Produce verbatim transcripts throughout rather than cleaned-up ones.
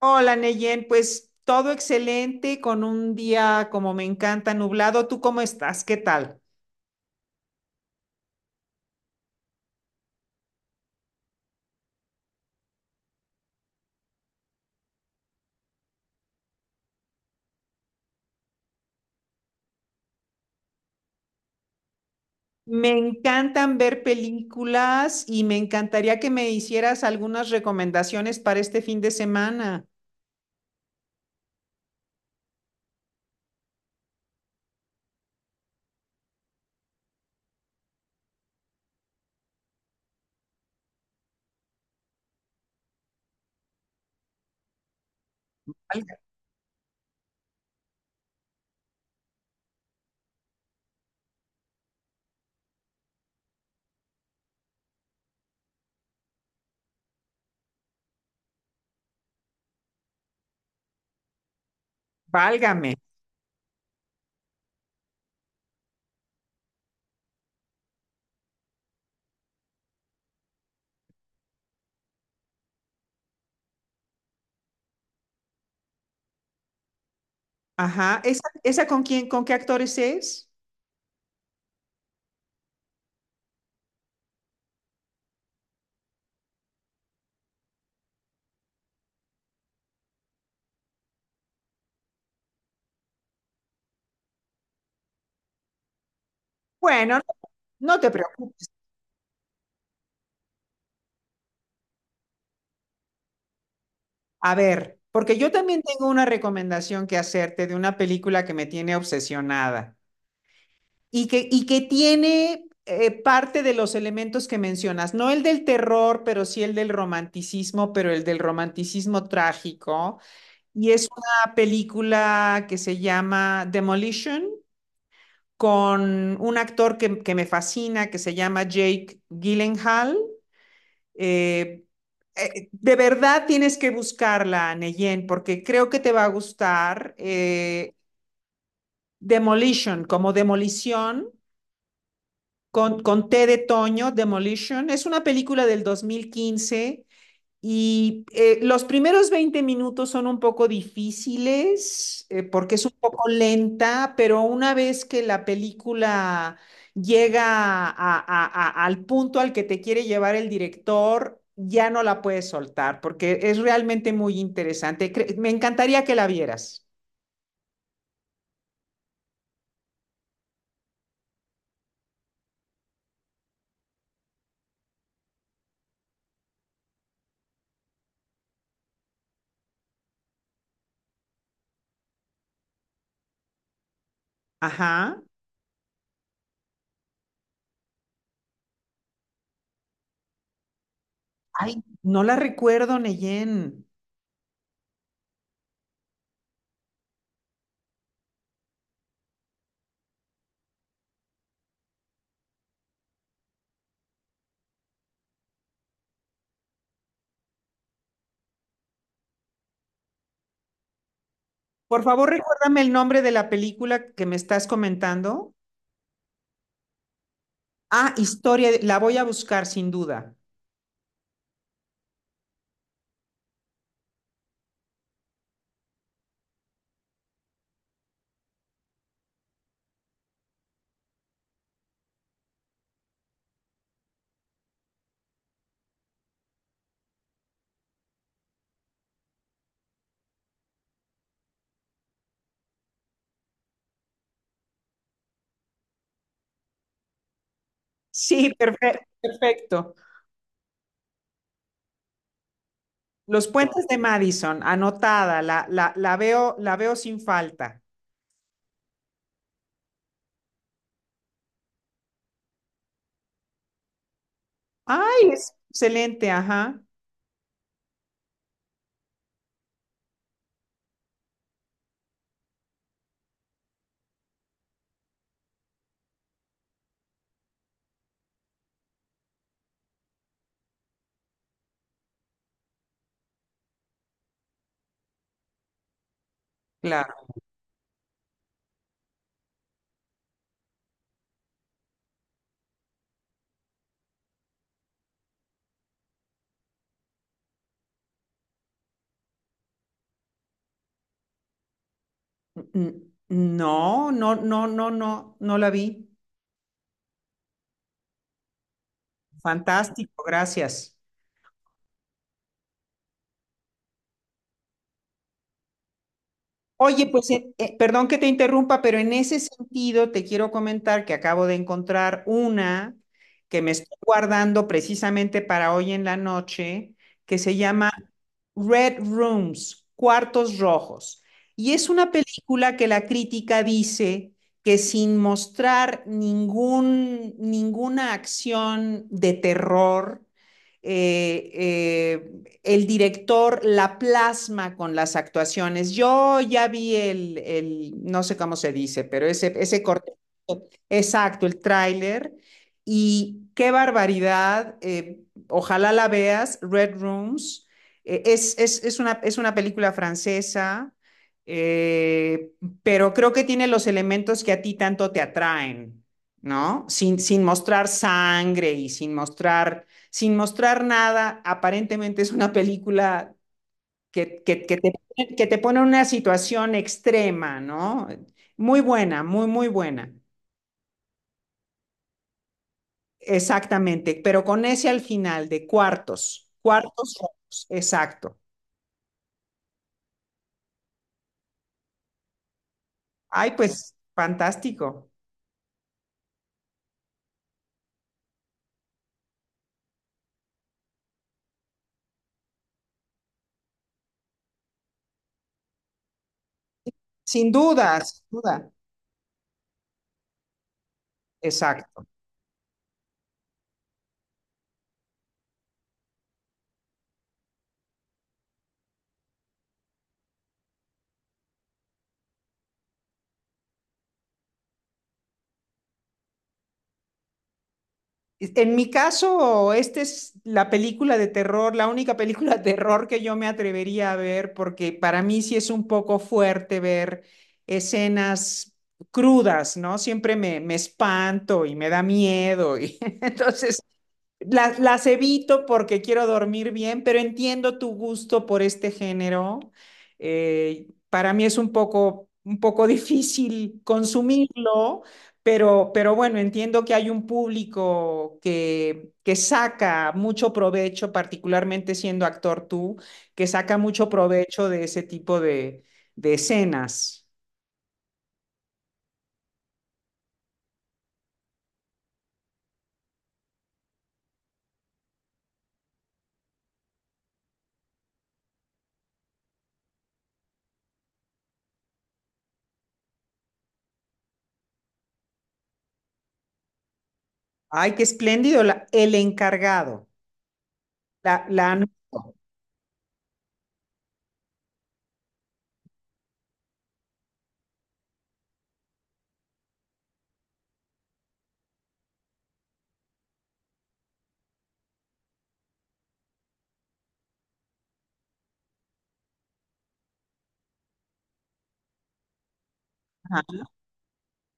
Hola, Neyen, pues todo excelente, con un día como me encanta, nublado. ¿Tú cómo estás? ¿Qué tal? Me encantan ver películas y me encantaría que me hicieras algunas recomendaciones para este fin de semana. Valga- Válgame. Ajá. ¿Esa, esa con quién, con qué actores es? Bueno, no te preocupes. A ver, porque yo también tengo una recomendación que hacerte de una película que me tiene obsesionada. y que, y que tiene eh, parte de los elementos que mencionas, no el del terror, pero sí el del romanticismo, pero el del romanticismo trágico. Y es una película que se llama Demolition con un actor que, que me fascina, que se llama Jake Gyllenhaal. Eh, eh, de verdad tienes que buscarla, Neyen, porque creo que te va a gustar. eh, Demolition, como demolición, con, con T de Toño, Demolition. Es una película del dos mil quince y eh, los primeros veinte minutos son un poco difíciles eh, porque es un poco lenta, pero una vez que la película llega a- a- a- al punto al que te quiere llevar el director, ya no la puedes soltar porque es realmente muy interesante. Cre- me encantaría que la vieras. Ajá. Ay, no la recuerdo, Neyen. Por favor, recuérdame el nombre de la película que me estás comentando. Ah, historia, de- la voy a buscar sin duda. Sí, perfecto, perfecto. Los puentes de Madison, anotada, la, la, la veo, la veo sin falta. Ay, es excelente, ajá. Claro. N- No, no, no, no, no, no la vi. Fantástico, gracias. Oye, pues eh, eh, perdón que te interrumpa, pero en ese sentido te quiero comentar que acabo de encontrar una que me estoy guardando precisamente para hoy en la noche, que se llama Red Rooms, Cuartos Rojos. Y es una película que la crítica dice que sin mostrar ningún, ninguna acción de terror, eh, eh, el director la plasma con las actuaciones. Yo ya vi el, el no sé cómo se dice, pero ese, ese corte, exacto, el tráiler, y qué barbaridad, eh, ojalá la veas, Red Rooms, eh, es, es, es, una, es una película francesa, eh, pero creo que tiene los elementos que a ti tanto te atraen, ¿no? Sin, sin mostrar sangre y sin mostrar sin mostrar nada, aparentemente es una película que, que, que, te, que te pone en una situación extrema, ¿no? Muy buena, muy, muy buena. Exactamente, pero con ese al final de cuartos, cuartos rojos, exacto. Ay, pues fantástico. Sin duda, sin duda, exacto. En mi caso, esta es la película de terror, la única película de terror que yo me atrevería a ver, porque para mí sí es un poco fuerte ver escenas crudas, ¿no? Siempre me, me espanto y me da miedo. Y entonces, las, las evito porque quiero dormir bien, pero entiendo tu gusto por este género. Eh, para mí es un poco, un poco difícil consumirlo, pero, pero bueno, entiendo que hay un público que, que saca mucho provecho, particularmente siendo actor tú, que saca mucho provecho de ese tipo de, de escenas. Ay, qué espléndido, la- el encargado, la, la anoto.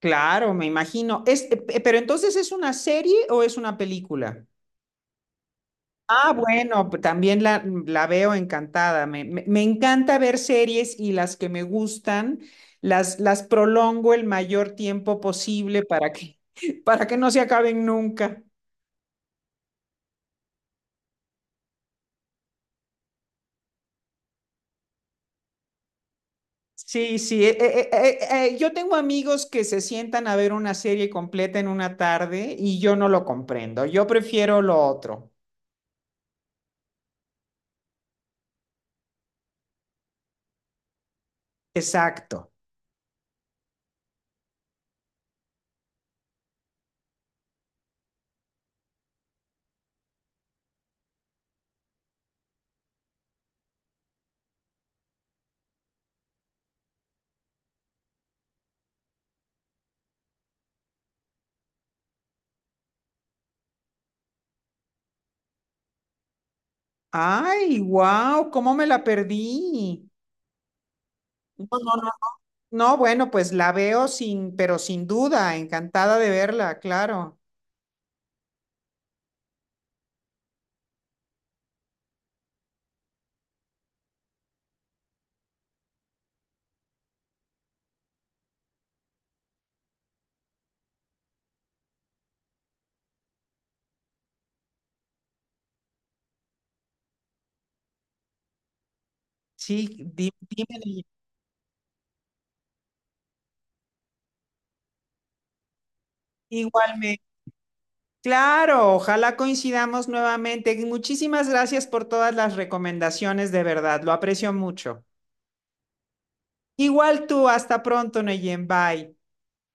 Claro, me imagino. Es, eh, pe- pero entonces, ¿es una serie o es una película? Ah, bueno, p- también la, mm, la veo encantada. Me, me- me encanta ver series y las que me gustan, las, las prolongo el mayor tiempo posible para que, para que no se acaben nunca. Sí, sí. eh, eh, eh, eh, eh, yo tengo amigos que se sientan a ver una serie completa en una tarde y yo no lo comprendo. Yo prefiero lo otro. Exacto. Ay, wow, ¿cómo me la perdí? No, no, no. No, bueno, pues la veo sin, pero sin duda, encantada de verla, claro. Sí, di- dime de ella. Igualmente. Claro, ojalá coincidamos nuevamente. Muchísimas gracias por todas las recomendaciones, de verdad, lo aprecio mucho. Igual tú, hasta pronto, Neyen, bye.